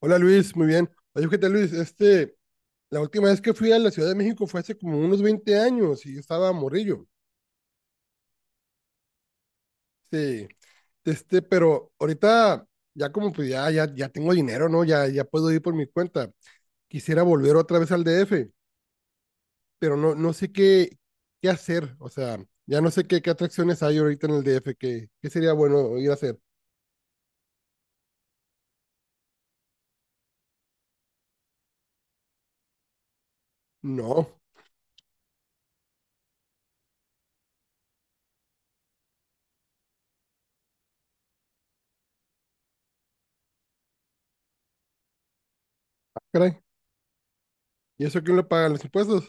Hola Luis, muy bien. Oye, ¿qué tal Luis? La última vez que fui a la Ciudad de México fue hace como unos 20 años y yo estaba morrillo. Sí, pero ahorita ya como pues ya tengo dinero, ¿no? Ya puedo ir por mi cuenta. Quisiera volver otra vez al DF, pero no sé qué hacer. O sea, ya no sé qué atracciones hay ahorita en el DF, qué sería bueno ir a hacer. No, caray. ¿Y eso quién lo paga? ¿Los impuestos?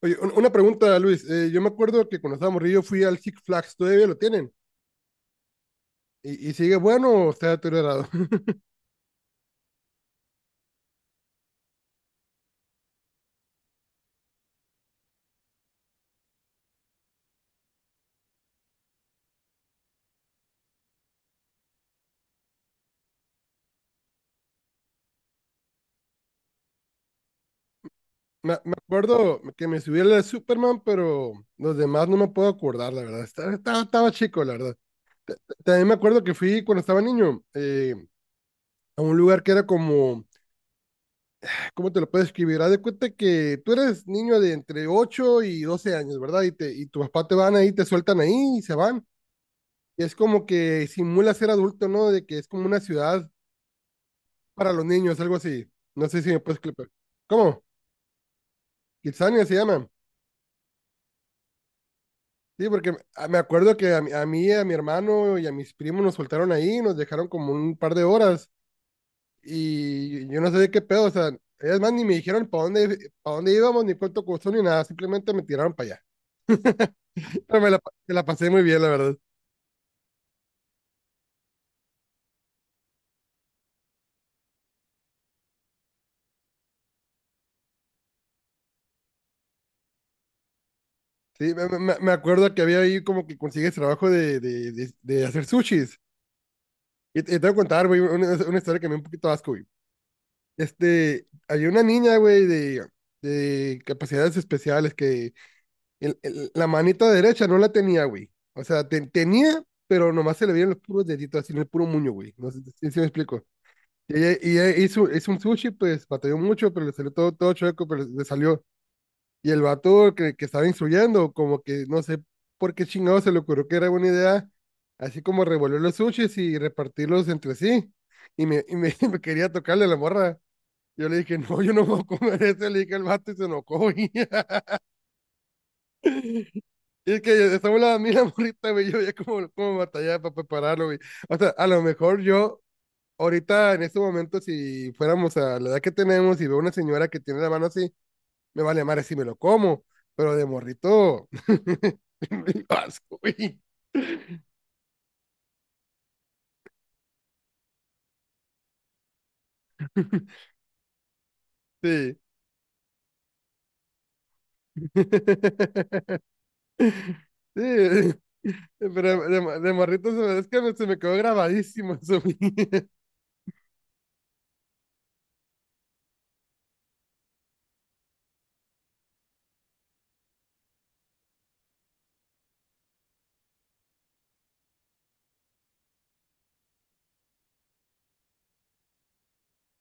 Oye, una pregunta, Luis. Yo me acuerdo que cuando estaba morrillo fui al Six Flags, ¿todavía lo tienen? Y sigue bueno o está deteriorado. Me acuerdo que me subí al de Superman, pero los demás no me puedo acordar, la verdad. Estaba chico, la verdad. También me acuerdo que fui cuando estaba niño. A un lugar que era ¿cómo te lo puedes escribir? Haz de cuenta que tú eres niño de entre 8 y 12 años, ¿verdad? Y tu papá te van ahí, te sueltan ahí y se van. Y es como que simula ser adulto, ¿no? De que es como una ciudad para los niños, algo así. No sé si me puedes clipar. ¿Cómo? Kitsania se llama. Sí, porque me acuerdo que a mí, a mi hermano y a mis primos nos soltaron ahí, nos dejaron como un par de horas y yo no sé de qué pedo, o sea, ellas más ni me dijeron para para dónde íbamos, ni cuánto costó, ni nada, simplemente me tiraron para allá. Pero me la pasé muy bien, la verdad. Sí, me acuerdo que había ahí como que consigues trabajo de hacer sushis. Y te voy a contar, güey, una historia que me dio un poquito de asco, güey. Había una niña, güey, de capacidades especiales que la manita derecha no la tenía, güey. O sea, tenía, pero nomás se le veían los puros deditos, así en el puro muño, güey. No sé si me explico. Y ella hizo un sushi, pues batalló mucho, pero le salió todo chueco, pero le salió. Y el vato que estaba instruyendo, como que no sé por qué chingado se le ocurrió que era buena idea, así como revolver los sushis y repartirlos entre sí. Me quería tocarle a la morra. Yo le dije, no, yo no voy a comer eso. Le dije al vato y se enojó, güey. Y es que esa bola a mí la morrita, güey, yo ya como batallaba para prepararlo, güey. O sea, a lo mejor ahorita en este momento, si fuéramos a la edad que tenemos y veo una señora que tiene la mano así, me vale madre si me lo como, pero de morrito, me dio asco, güey. Sí. Sí. Pero de morrito es que se me quedó grabadísimo eso. Güey.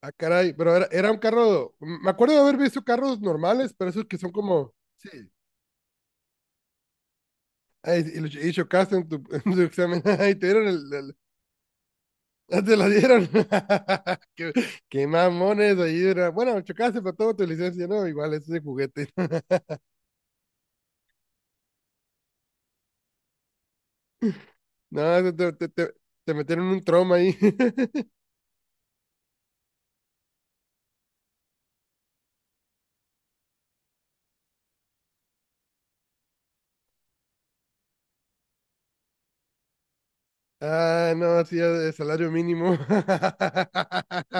Ah, caray, pero era un carro, me acuerdo de haber visto carros normales, pero esos que son como, sí. Ay, y chocaste en tu, en tu examen. Ay, te dieron ah, te la dieron. Qué, qué mamones ahí era. Bueno, chocaste para todo tu licencia, ¿no? Igual, ese es de juguete. No, eso te metieron un trauma ahí. Ah, no, hacía de salario mínimo.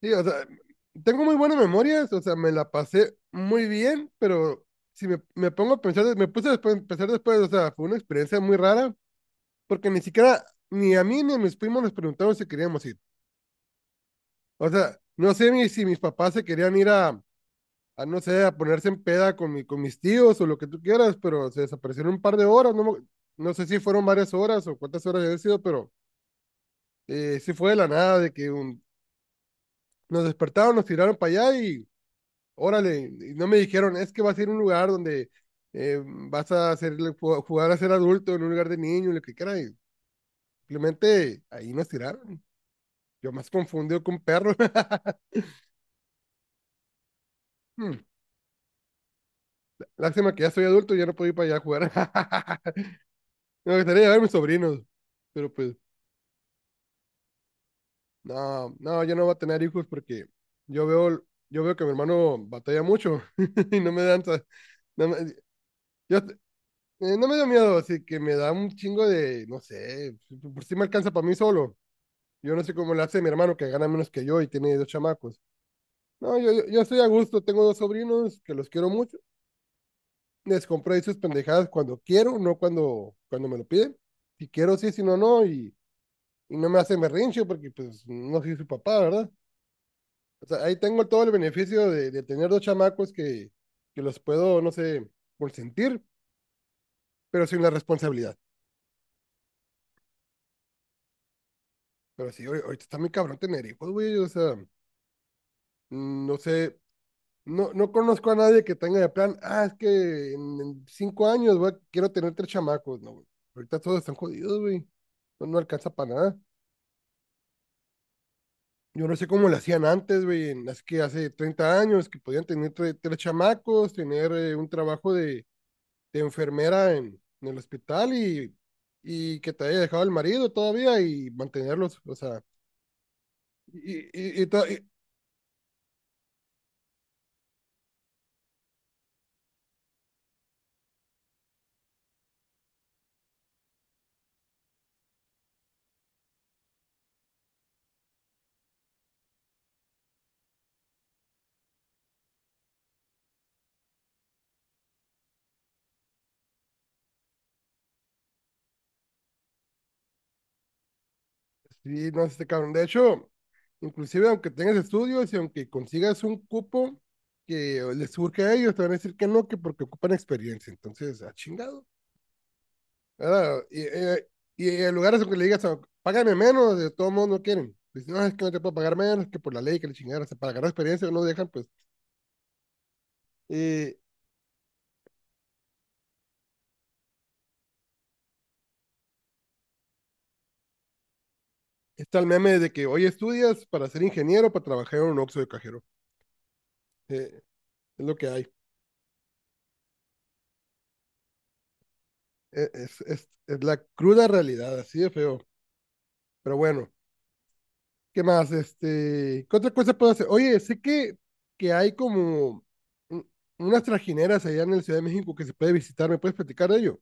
Sí, o sea, tengo muy buenas memorias, o sea, me la pasé muy bien, pero si me pongo a pensar, me puse después, a pensar después, o sea, fue una experiencia muy rara porque ni siquiera ni a mí ni a mis primos les preguntaron si queríamos ir. O sea, no sé ni si mis papás se querían ir no sé, a ponerse en peda con mis tíos o lo que tú quieras, pero se desaparecieron un par de horas, no, no sé si fueron varias horas o cuántas horas había sido, pero sí fue de la nada, de que nos despertaron, nos tiraron para allá y órale, y no me dijeron, es que vas a ir a un lugar donde vas a hacer, jugar a ser adulto en un lugar de niño, lo que quieras, simplemente ahí nos tiraron. Yo más confundido con perro. Hmm, lástima que ya soy adulto y ya no puedo ir para allá a jugar. Me gustaría llevar a mis sobrinos, pero pues no, no, yo no voy a tener hijos porque yo veo, yo veo que mi hermano batalla mucho y no me dan, no me, yo, no me da miedo, así que me da un chingo de, no sé, por si me alcanza para mí solo. Yo no sé cómo le hace mi hermano que gana menos que yo y tiene dos chamacos. No, yo estoy a gusto, tengo dos sobrinos que los quiero mucho. Les compro ahí sus pendejadas cuando quiero, no cuando me lo piden. Si quiero, sí, si no, no. Y no me hace berrinche porque, pues, no soy su papá, ¿verdad? O sea, ahí tengo todo el beneficio de tener dos chamacos que los puedo, no sé, consentir, pero sin la responsabilidad. Pero sí, ahorita está muy cabrón tener hijos, güey. O sea, no sé, no, no conozco a nadie que tenga de plan, ah, es que en 5 años, güey, quiero tener 3 chamacos. No, güey. Ahorita todos están jodidos, güey. No, no alcanza para nada. Yo no sé cómo lo hacían antes, güey, en las que hace 30 años, que podían tener tres chamacos, tener un trabajo de enfermera en el hospital y que te haya dejado el marido todavía y mantenerlos, o sea, y, y, y, to- y- sí, no sé, cabrón. De hecho, inclusive aunque tengas estudios y aunque consigas un cupo que les surge a ellos, te van a decir que no, que porque ocupan experiencia. Entonces, a chingado, ¿verdad? Y en lugares en que le digas, "Oh, págame menos", de todos modos no quieren. Dicen, no, es que no te puedo pagar menos, que por la ley, que le chingaron, o sea, para ganar experiencia no dejan, pues. Eh, está el meme de que hoy estudias para ser ingeniero, para trabajar en un oxxo de cajero. Eh, es lo que hay. Es la cruda realidad, así de feo. Pero bueno, ¿qué más? ¿Qué otra cosa puedo hacer? Oye, sé que hay como un- unas trajineras allá en la Ciudad de México que se puede visitar, ¿me puedes platicar de ello?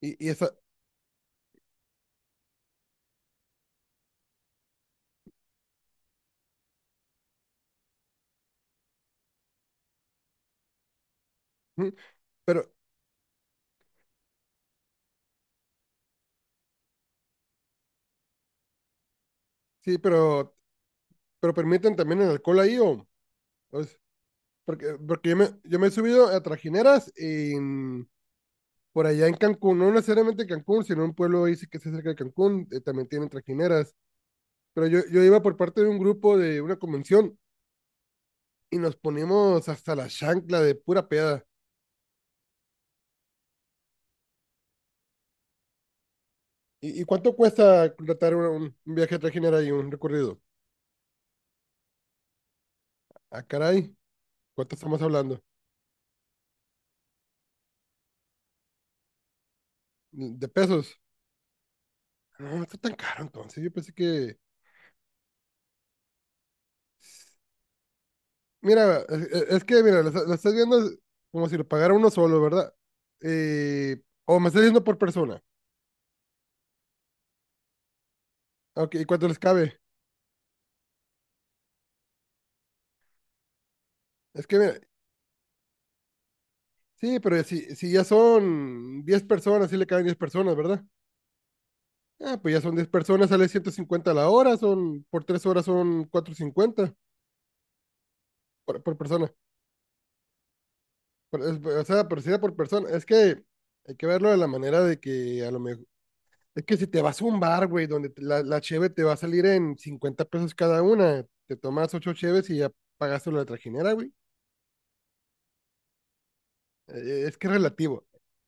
Y, y esa, ¿Mm? Pero sí, pero permiten también el alcohol ahí o... pues, porque yo, yo me he subido a trajineras por allá en Cancún, no necesariamente Cancún, sino un pueblo ahí sí que está cerca de Cancún, también tienen trajineras. Pero yo iba por parte de un grupo de una convención y nos ponimos hasta la chancla de pura peda. Y cuánto cuesta contratar un viaje a trajinera y un recorrido? Ah, caray, ¿cuánto estamos hablando? ¿De pesos? No, no está tan caro entonces. Yo pensé que... Mira, es que, mira, está- lo estás viendo como si lo pagara uno solo, ¿verdad? O me estás diciendo por persona. Ok, ¿y cuánto les cabe? Es que, mira, sí, pero si ya son 10 personas, sí le caben 10 personas, ¿verdad? Ah, pues ya son 10 personas, sale 150 a la hora, son, por 3 horas son 450 por persona. O sea, por, si era por persona. Es que hay que verlo de la manera de que a lo mejor... Es que si te vas a un bar, güey, donde la cheve te va a salir en 50 pesos cada una, te tomas 8 cheves y ya pagaste la trajinera, güey. Es que es relativo.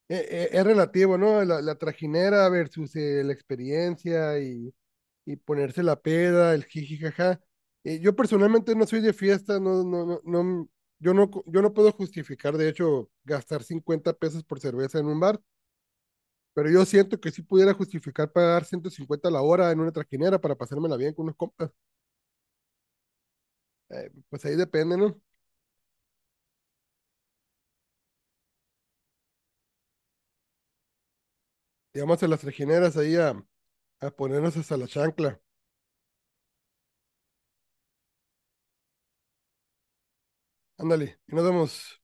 Es relativo, ¿no? La trajinera versus la experiencia y ponerse la peda, el jiji, jaja. Yo personalmente no soy de fiesta, no, yo no puedo justificar, de hecho, gastar 50 pesos por cerveza en un bar, pero yo siento que sí pudiera justificar pagar 150 la hora en una trajinera para pasármela bien con unos compas. Pues ahí depende, ¿no? Llegamos a las trajineras a ponernos hasta la chancla. Ándale, y nos vemos.